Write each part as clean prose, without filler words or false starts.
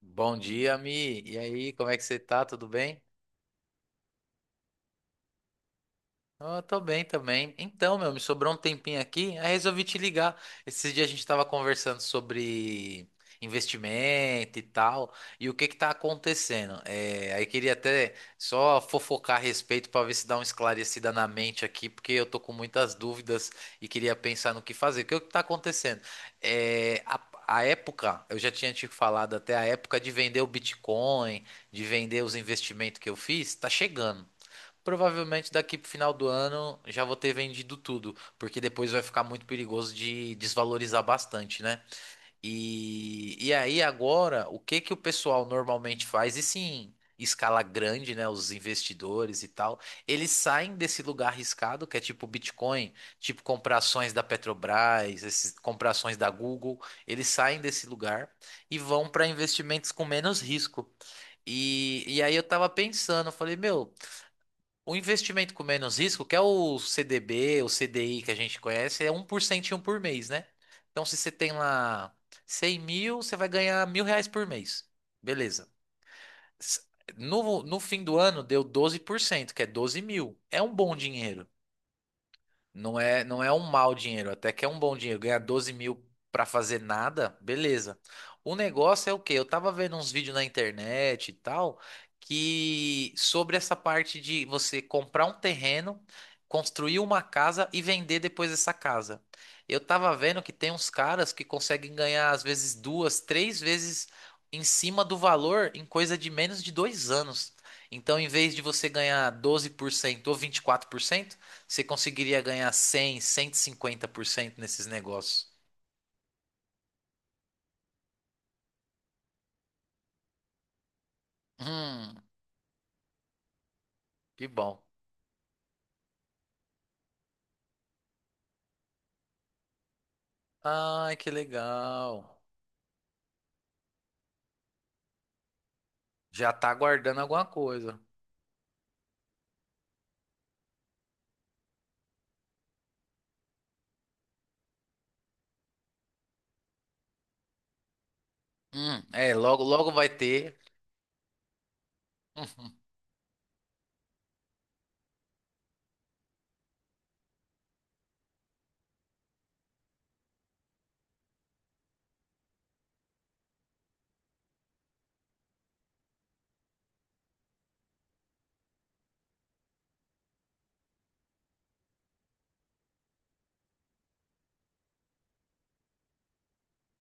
Bom dia, Mi. E aí, como é que você tá? Tudo bem? Ah, tô bem também. Então, meu, me sobrou um tempinho aqui, aí resolvi te ligar. Esses dias a gente tava conversando sobre investimento e tal, e o que que tá acontecendo. Aí queria até só fofocar a respeito pra ver se dá uma esclarecida na mente aqui, porque eu tô com muitas dúvidas e queria pensar no que fazer. O que que tá acontecendo? É, a, a época, eu já tinha te falado até a época de vender o Bitcoin, de vender os investimentos que eu fiz, tá chegando. Provavelmente daqui pro final do ano já vou ter vendido tudo, porque depois vai ficar muito perigoso de desvalorizar bastante, né? E aí agora, o que que o pessoal normalmente faz? E sim, escala grande, né? Os investidores e tal, eles saem desse lugar arriscado, que é tipo Bitcoin, tipo comprar ações da Petrobras, esses, comprar ações da Google, eles saem desse lugar e vão para investimentos com menos risco. E aí eu tava pensando, eu falei, meu. O investimento com menos risco, que é o CDB, o CDI que a gente conhece, é um por cento por mês, né? Então, se você tem lá 100 mil, você vai ganhar mil reais por mês. Beleza. S- no fim do ano, deu 12%, que é 12 mil. É um bom dinheiro. Não é um mau dinheiro, até que é um bom dinheiro. Ganhar 12 mil pra fazer nada, beleza. O negócio é o quê? Eu tava vendo uns vídeos na internet e tal, que sobre essa parte de você comprar um terreno, construir uma casa e vender depois essa casa. Eu tava vendo que tem uns caras que conseguem ganhar, às vezes, duas, três vezes em cima do valor em coisa de menos de dois anos. Então, em vez de você ganhar 12% ou 24% você conseguiria ganhar cem, cento e cinquenta por cento nesses negócios. Hum, que bom. Ai, que legal. Já tá guardando alguma coisa. É, logo, logo vai ter.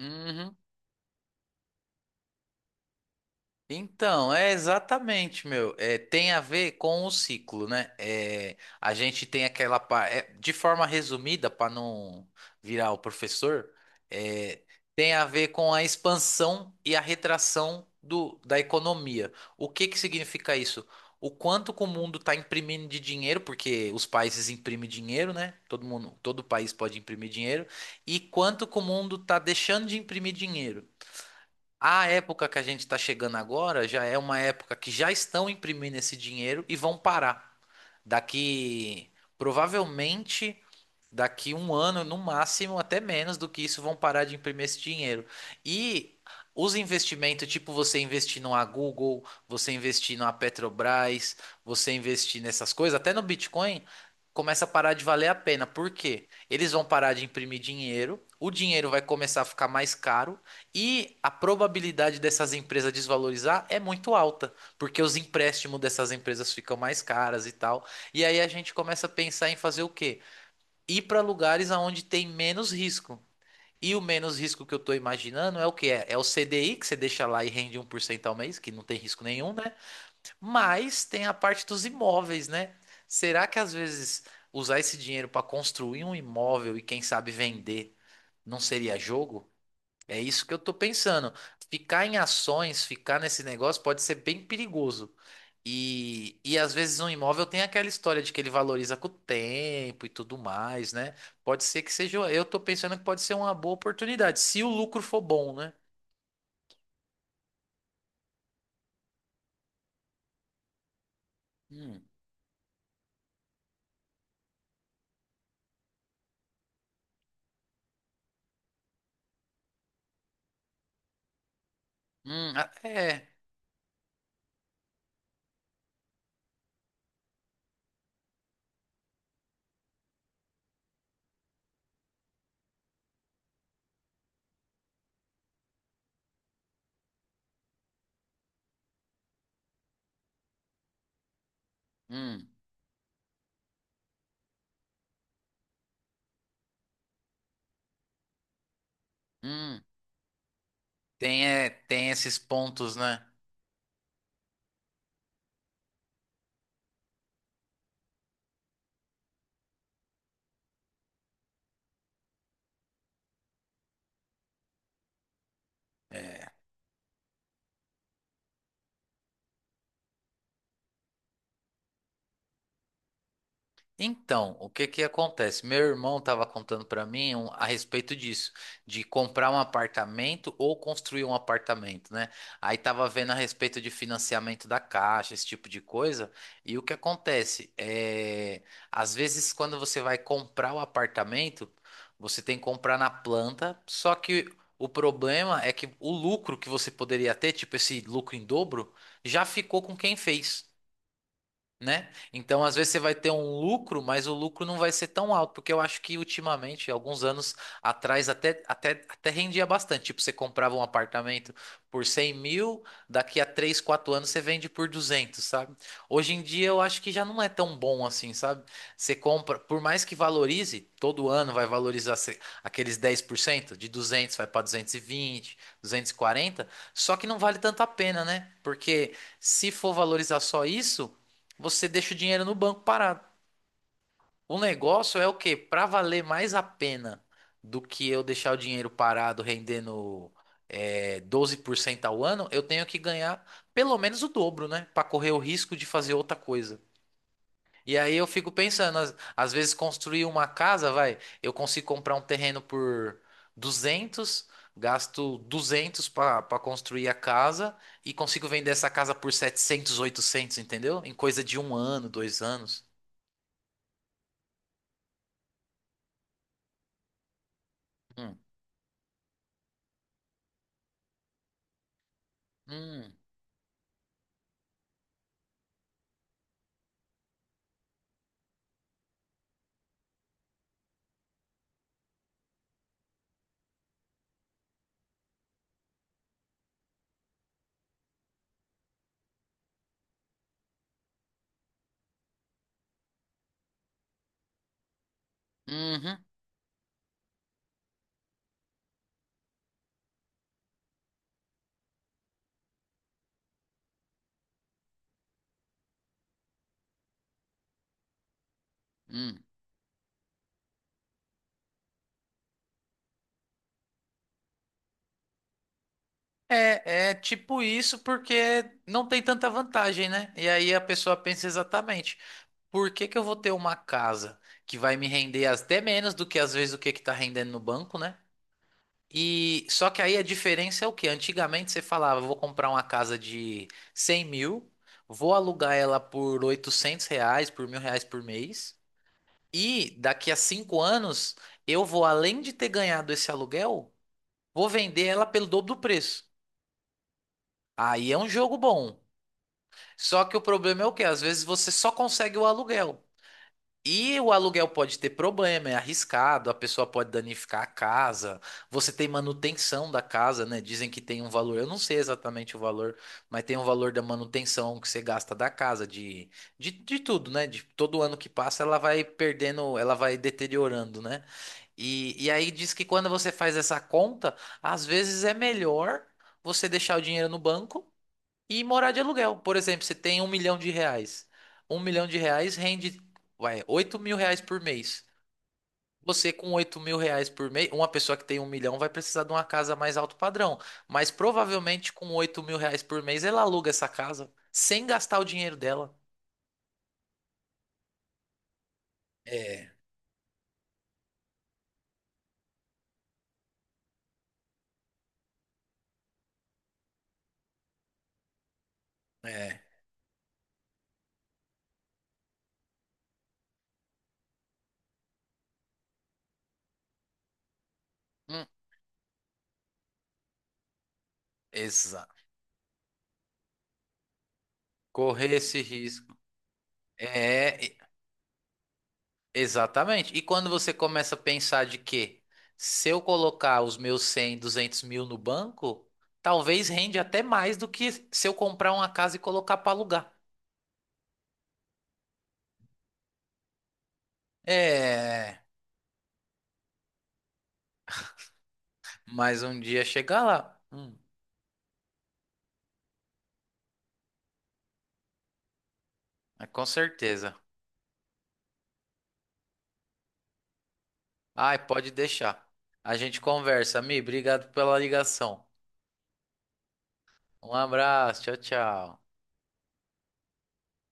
Uhum. Então, é exatamente, meu. É, tem a ver com o ciclo, né? É, a gente tem aquela parte. De forma resumida, para não virar o professor, é, tem a ver com a expansão e a retração da economia. O que que significa isso? O quanto que o mundo está imprimindo de dinheiro, porque os países imprimem dinheiro, né? Todo mundo, todo país pode imprimir dinheiro, e quanto que o mundo está deixando de imprimir dinheiro. A época que a gente está chegando agora já é uma época que já estão imprimindo esse dinheiro e vão parar. Daqui, provavelmente, daqui um ano, no máximo, até menos do que isso, vão parar de imprimir esse dinheiro. E os investimentos, tipo você investir numa Google, você investir numa Petrobras, você investir nessas coisas, até no Bitcoin, começa a parar de valer a pena. Por quê? Eles vão parar de imprimir dinheiro, o dinheiro vai começar a ficar mais caro e a probabilidade dessas empresas desvalorizar é muito alta, porque os empréstimos dessas empresas ficam mais caras e tal. E aí a gente começa a pensar em fazer o quê? Ir para lugares aonde tem menos risco. E o menos risco que eu estou imaginando é o que é? É o CDI, que você deixa lá e rende um por cento ao mês, que não tem risco nenhum, né? Mas tem a parte dos imóveis, né? Será que às vezes usar esse dinheiro para construir um imóvel e quem sabe vender não seria jogo? É isso que eu estou pensando. Ficar em ações, ficar nesse negócio pode ser bem perigoso. E às vezes um imóvel tem aquela história de que ele valoriza com o tempo e tudo mais, né? Pode ser que seja. Eu tô pensando que pode ser uma boa oportunidade, se o lucro for bom, né? Hum, ah, é. Hum, hum. Tem, é, tem esses pontos, né? É, então, o que que acontece? Meu irmão estava contando para mim a respeito disso, de comprar um apartamento ou construir um apartamento, né? Aí tava vendo a respeito de financiamento da Caixa, esse tipo de coisa. E o que acontece? É, às vezes, quando você vai comprar o apartamento, você tem que comprar na planta, só que o problema é que o lucro que você poderia ter, tipo esse lucro em dobro, já ficou com quem fez, né? Então, às vezes você vai ter um lucro, mas o lucro não vai ser tão alto, porque eu acho que ultimamente, alguns anos atrás, até rendia bastante. Tipo, você comprava um apartamento por 100 mil, daqui a 3 4 anos você vende por 200, sabe? Hoje em dia eu acho que já não é tão bom assim, sabe? Você compra, por mais que valorize, todo ano vai valorizar aqueles 10% de 200 vai para duzentos e vinte, duzentos e quarenta, só que não vale tanto a pena, né? Porque se for valorizar só isso, você deixa o dinheiro no banco parado. O negócio é o quê? Para valer mais a pena do que eu deixar o dinheiro parado rendendo 12% ao ano, eu tenho que ganhar pelo menos o dobro, né? Para correr o risco de fazer outra coisa. E aí eu fico pensando, às vezes construir uma casa, vai, eu consigo comprar um terreno por 200, gasto 200 para construir a casa e consigo vender essa casa por 700, 800, entendeu? Em coisa de um ano, dois anos. Hum. Hum, uhum, hum. É, é tipo isso porque não tem tanta vantagem, né? E aí a pessoa pensa exatamente, por que que eu vou ter uma casa que vai me render até menos do que às vezes o que que tá rendendo no banco, né? E só que aí a diferença é o que antigamente você falava, vou comprar uma casa de 100 mil, vou alugar ela por 800 reais, por mil reais por mês, e daqui a cinco anos eu vou, além de ter ganhado esse aluguel, vou vender ela pelo dobro do preço. Aí é um jogo bom. Só que o problema é o quê? Às vezes você só consegue o aluguel. E o aluguel pode ter problema, é arriscado, a pessoa pode danificar a casa, você tem manutenção da casa, né? Dizem que tem um valor, eu não sei exatamente o valor, mas tem um valor da manutenção que você gasta da casa, de tudo, né? De todo ano que passa, ela vai perdendo, ela vai deteriorando, né? E aí diz que quando você faz essa conta, às vezes é melhor você deixar o dinheiro no banco e morar de aluguel. Por exemplo, você tem um milhão de reais. Um milhão de reais rende, vai, oito mil reais por mês. Você com oito mil reais por mês, uma pessoa que tem um milhão vai precisar de uma casa mais alto padrão. Mas provavelmente com oito mil reais por mês ela aluga essa casa sem gastar o dinheiro dela. É, é. Hum, exato. Correr esse risco. É, exatamente. E quando você começa a pensar de que se eu colocar os meus 100, 200, mil no banco, talvez rende até mais do que se eu comprar uma casa e colocar para alugar. É, mas um dia chegar lá. É com certeza. Ai, pode deixar. A gente conversa, Mi. Obrigado pela ligação. Um abraço. Tchau, tchau.